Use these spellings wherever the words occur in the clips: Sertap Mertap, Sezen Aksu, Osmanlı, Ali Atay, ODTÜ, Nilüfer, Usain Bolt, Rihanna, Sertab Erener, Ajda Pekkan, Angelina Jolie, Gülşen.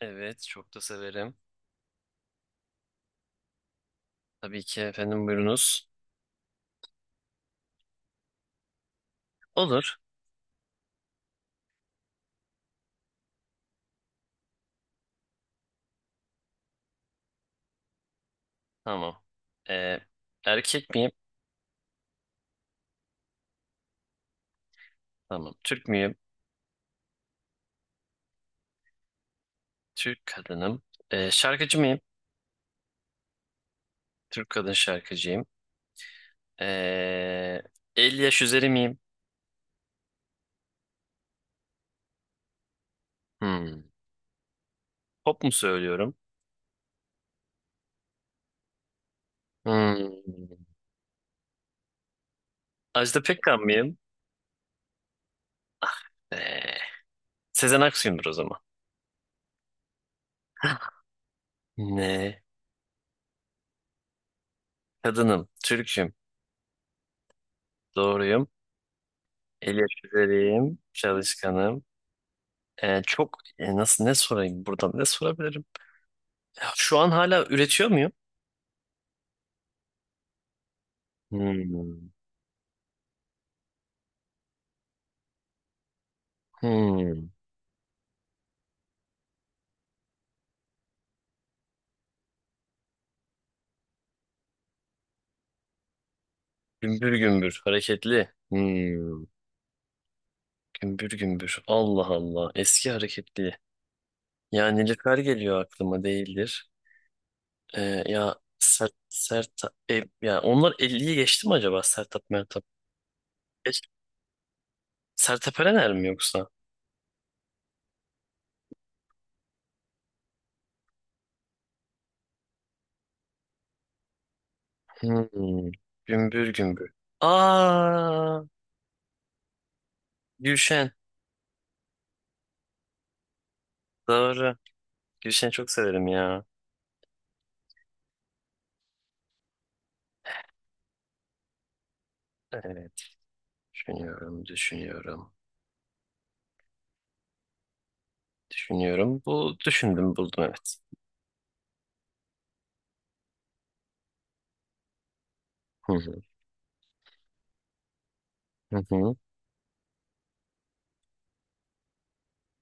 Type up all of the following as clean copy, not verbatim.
Evet, çok da severim. Tabii ki efendim buyurunuz. Olur. Tamam. Ee, erkek miyim? Tamam. Türk müyüm? Türk kadınım. Şarkıcı mıyım? Türk kadın şarkıcıyım. Ee, 50 yaş üzeri miyim? Hmm. Pop mu söylüyorum? Hmm. Ajda Pekkan mıyım? Ee, Sezen Aksu'yumdur o zaman. Ne? Kadınım, Türk'üm, doğruyum, el yaş üzeriyim, çalışkanım. Çok nasıl ne sorayım buradan ne sorabilirim? Şu an hala üretiyor muyum? Hmm. Hmm. Gümbür gümbür hareketli. Hmm. Gümbür gümbür. Allah Allah. Eski hareketli. Ya Nilüfer geliyor aklıma değildir. Ya Sertap ya onlar 50'yi geçti mi acaba Sertap Mertap? Geç. Sertab Erener mi yoksa? Hmm. Gümbür gümbür. Aa, Gülşen. Doğru. Gülşen'i çok severim ya. Evet. Düşünüyorum, düşünüyorum. Düşünüyorum. Bu düşündüm buldum evet. Hı hı. Hı hı.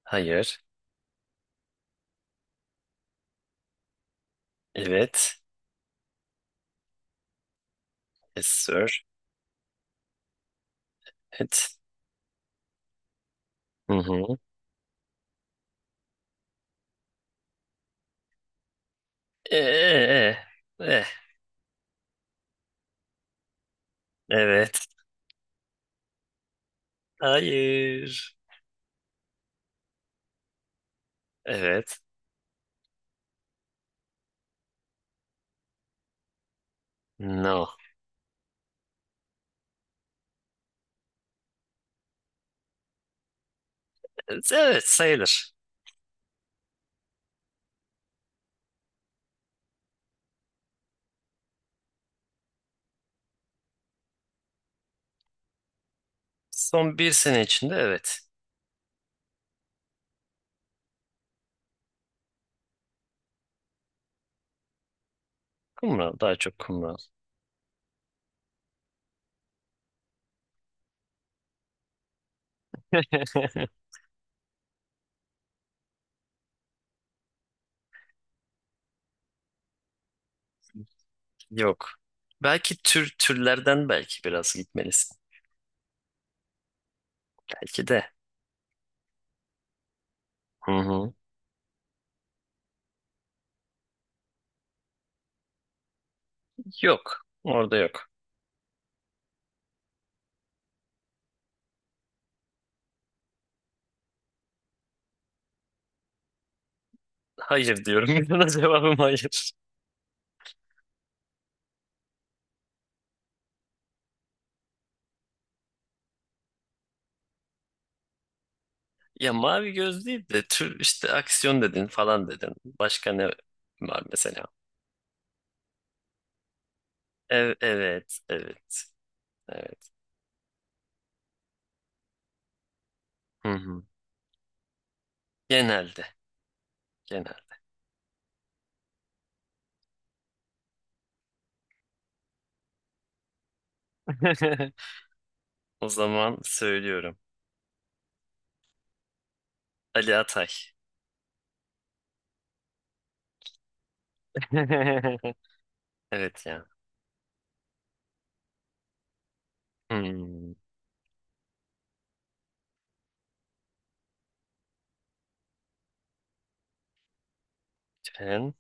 Hayır. Evet. Yes sir. Evet. Hı hı. Ee, e, Ee. e. Evet. Hayır. Evet. No. Evet evet, sayılır. Son bir sene içinde evet. Kumral daha çok kumral. Yok. Belki türlerden belki biraz gitmelisin. Belki de. Hı hı. Yok. Orada yok. Hayır diyorum. Buna cevabım hayır. Ya mavi göz değil de tür işte aksiyon dedin falan dedin. Başka ne var mesela? Evet, evet, evet. Hı hı. Genelde, genelde. O zaman söylüyorum. Ali Atay. Evet ya. Hmm. Sen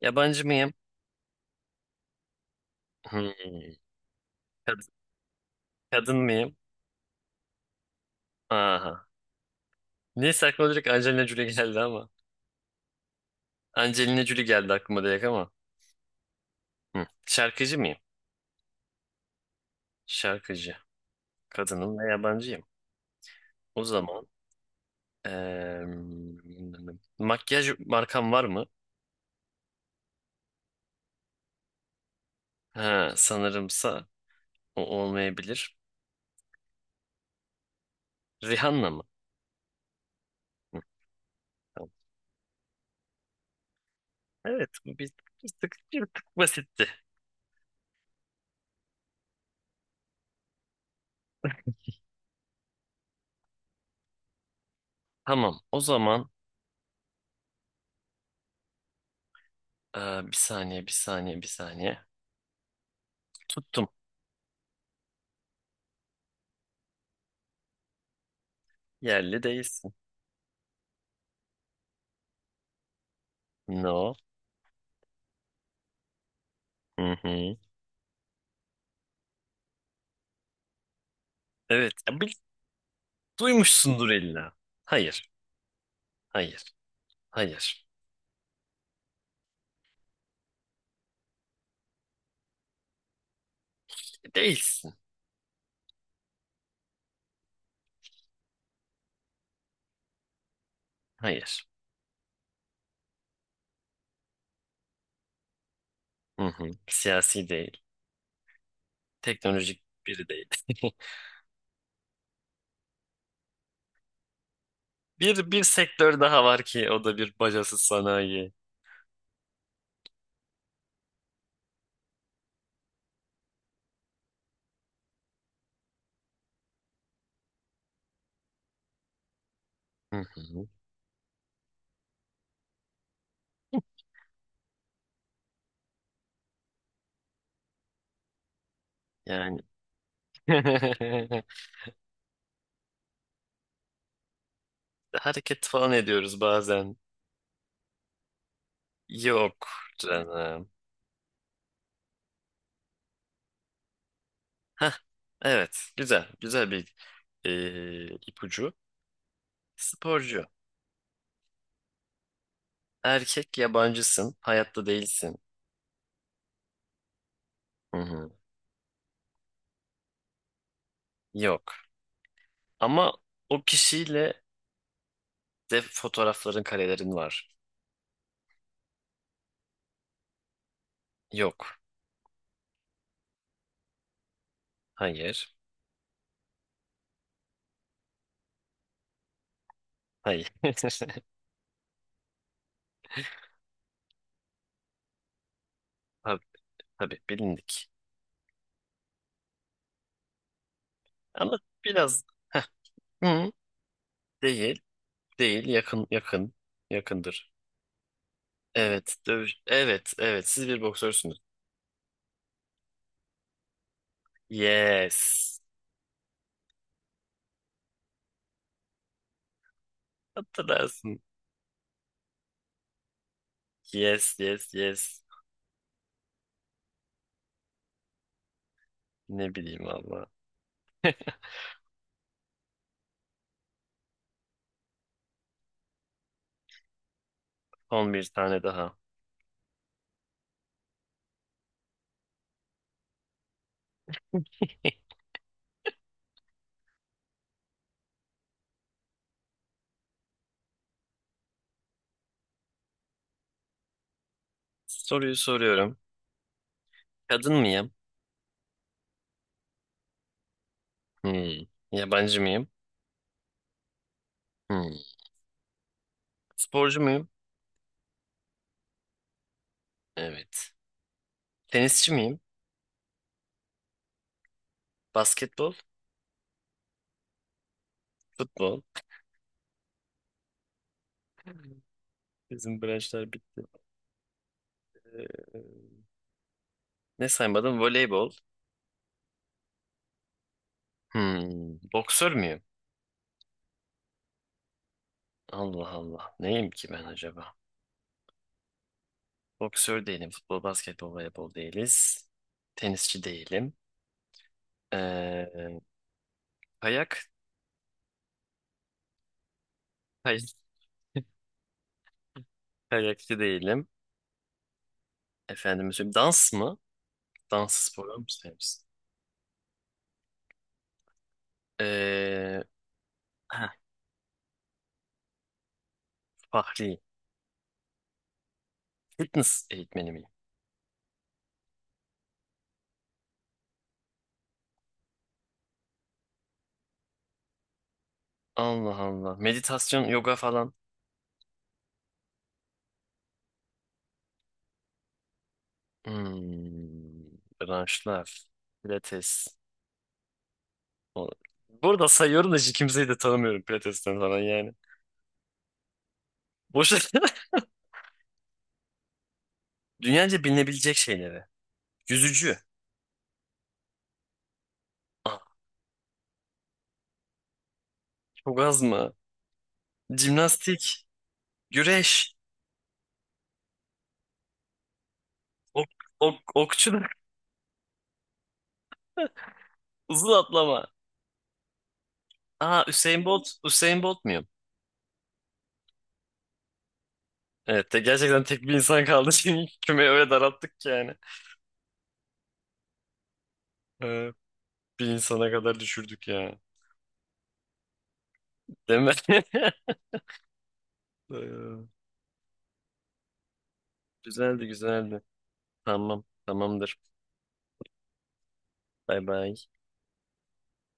yabancı mıyım? Hmm. Kad- Kadın mıyım? Aha. Neyse aklıma direkt Angelina Jolie geldi ama. Angelina Jolie geldi aklıma direkt ama. Hı. Şarkıcı mıyım? Şarkıcı. Kadınım ve yabancıyım. O zaman Eee, makyaj markam var mı? Ha, sanırımsa o olmayabilir. Rihanna mı? Hı, tamam. Evet, bu bir tık, bir tık basitti. Tamam, o zaman bir saniye, bir saniye, bir saniye. Tuttum. Yerli değilsin. No. Hı hı. Evet, ya duymuşsundur illa. Hayır, hayır, hayır. Değilsin. Hayır. Hı hı. Siyasi değil. Teknolojik biri değil. Bir sektör daha var ki o da bir bacasız sanayi. Hı hı. Yani hareket falan ediyoruz bazen. Yok canım. Hah, evet güzel güzel bir ipucu. Sporcu. Erkek yabancısın. Hayatta değilsin. Hı hı. Yok. Ama o kişiyle de fotoğrafların karelerin var. Yok. Hayır. Hayır. Tabii, tabii bilindik. Ama biraz hı, değil, değil, yakın, yakın, yakındır. Evet, dövüş. Evet, evet. Siz bir boksörsünüz. Yes. Hatırlarsın. Yes, yes, yes. Ne bileyim valla. Son bir tane daha. Soruyu soruyorum. Kadın mıyım? Hmm. Yabancı mıyım? Hmm. Sporcu muyum? Evet. Tenisçi miyim? Basketbol, futbol. Bizim branşlar bitti. Ee, ne saymadım? Voleybol. Hmm. Boksör müyüm? Allah Allah. Neyim ki ben acaba? Boksör değilim. Futbol, basketbol, voleybol değiliz. Tenisçi değilim. Ee, kayak, kay- kayakçı değilim. Efendim söyleyeyim. Dans mı? Dans sporu mu sevmişsin? Ee, heh, Fahri. Fitness eğitmeni miyim? Allah Allah. Meditasyon, yoga falan. Hmm, branşlar. Pilates. O- Burada sayıyorum da hiç kimseyi de tanımıyorum Pilates'ten falan yani. Boş. Dünyaca bilinebilecek şeyleri. Yüzücü. Aa, çok az mı? Jimnastik. Güreş. Ok, ok, okçuluk. Uzun atlama. Aa Usain Bolt. Usain Bolt muyum? Evet de gerçekten tek bir insan kaldı. Şimdi kümeyi öyle daralttık ki yani. Ee, bir insana kadar düşürdük ya. Değil mi? Ee, Güzeldi güzeldi. Tamam. Tamamdır. Bay bay.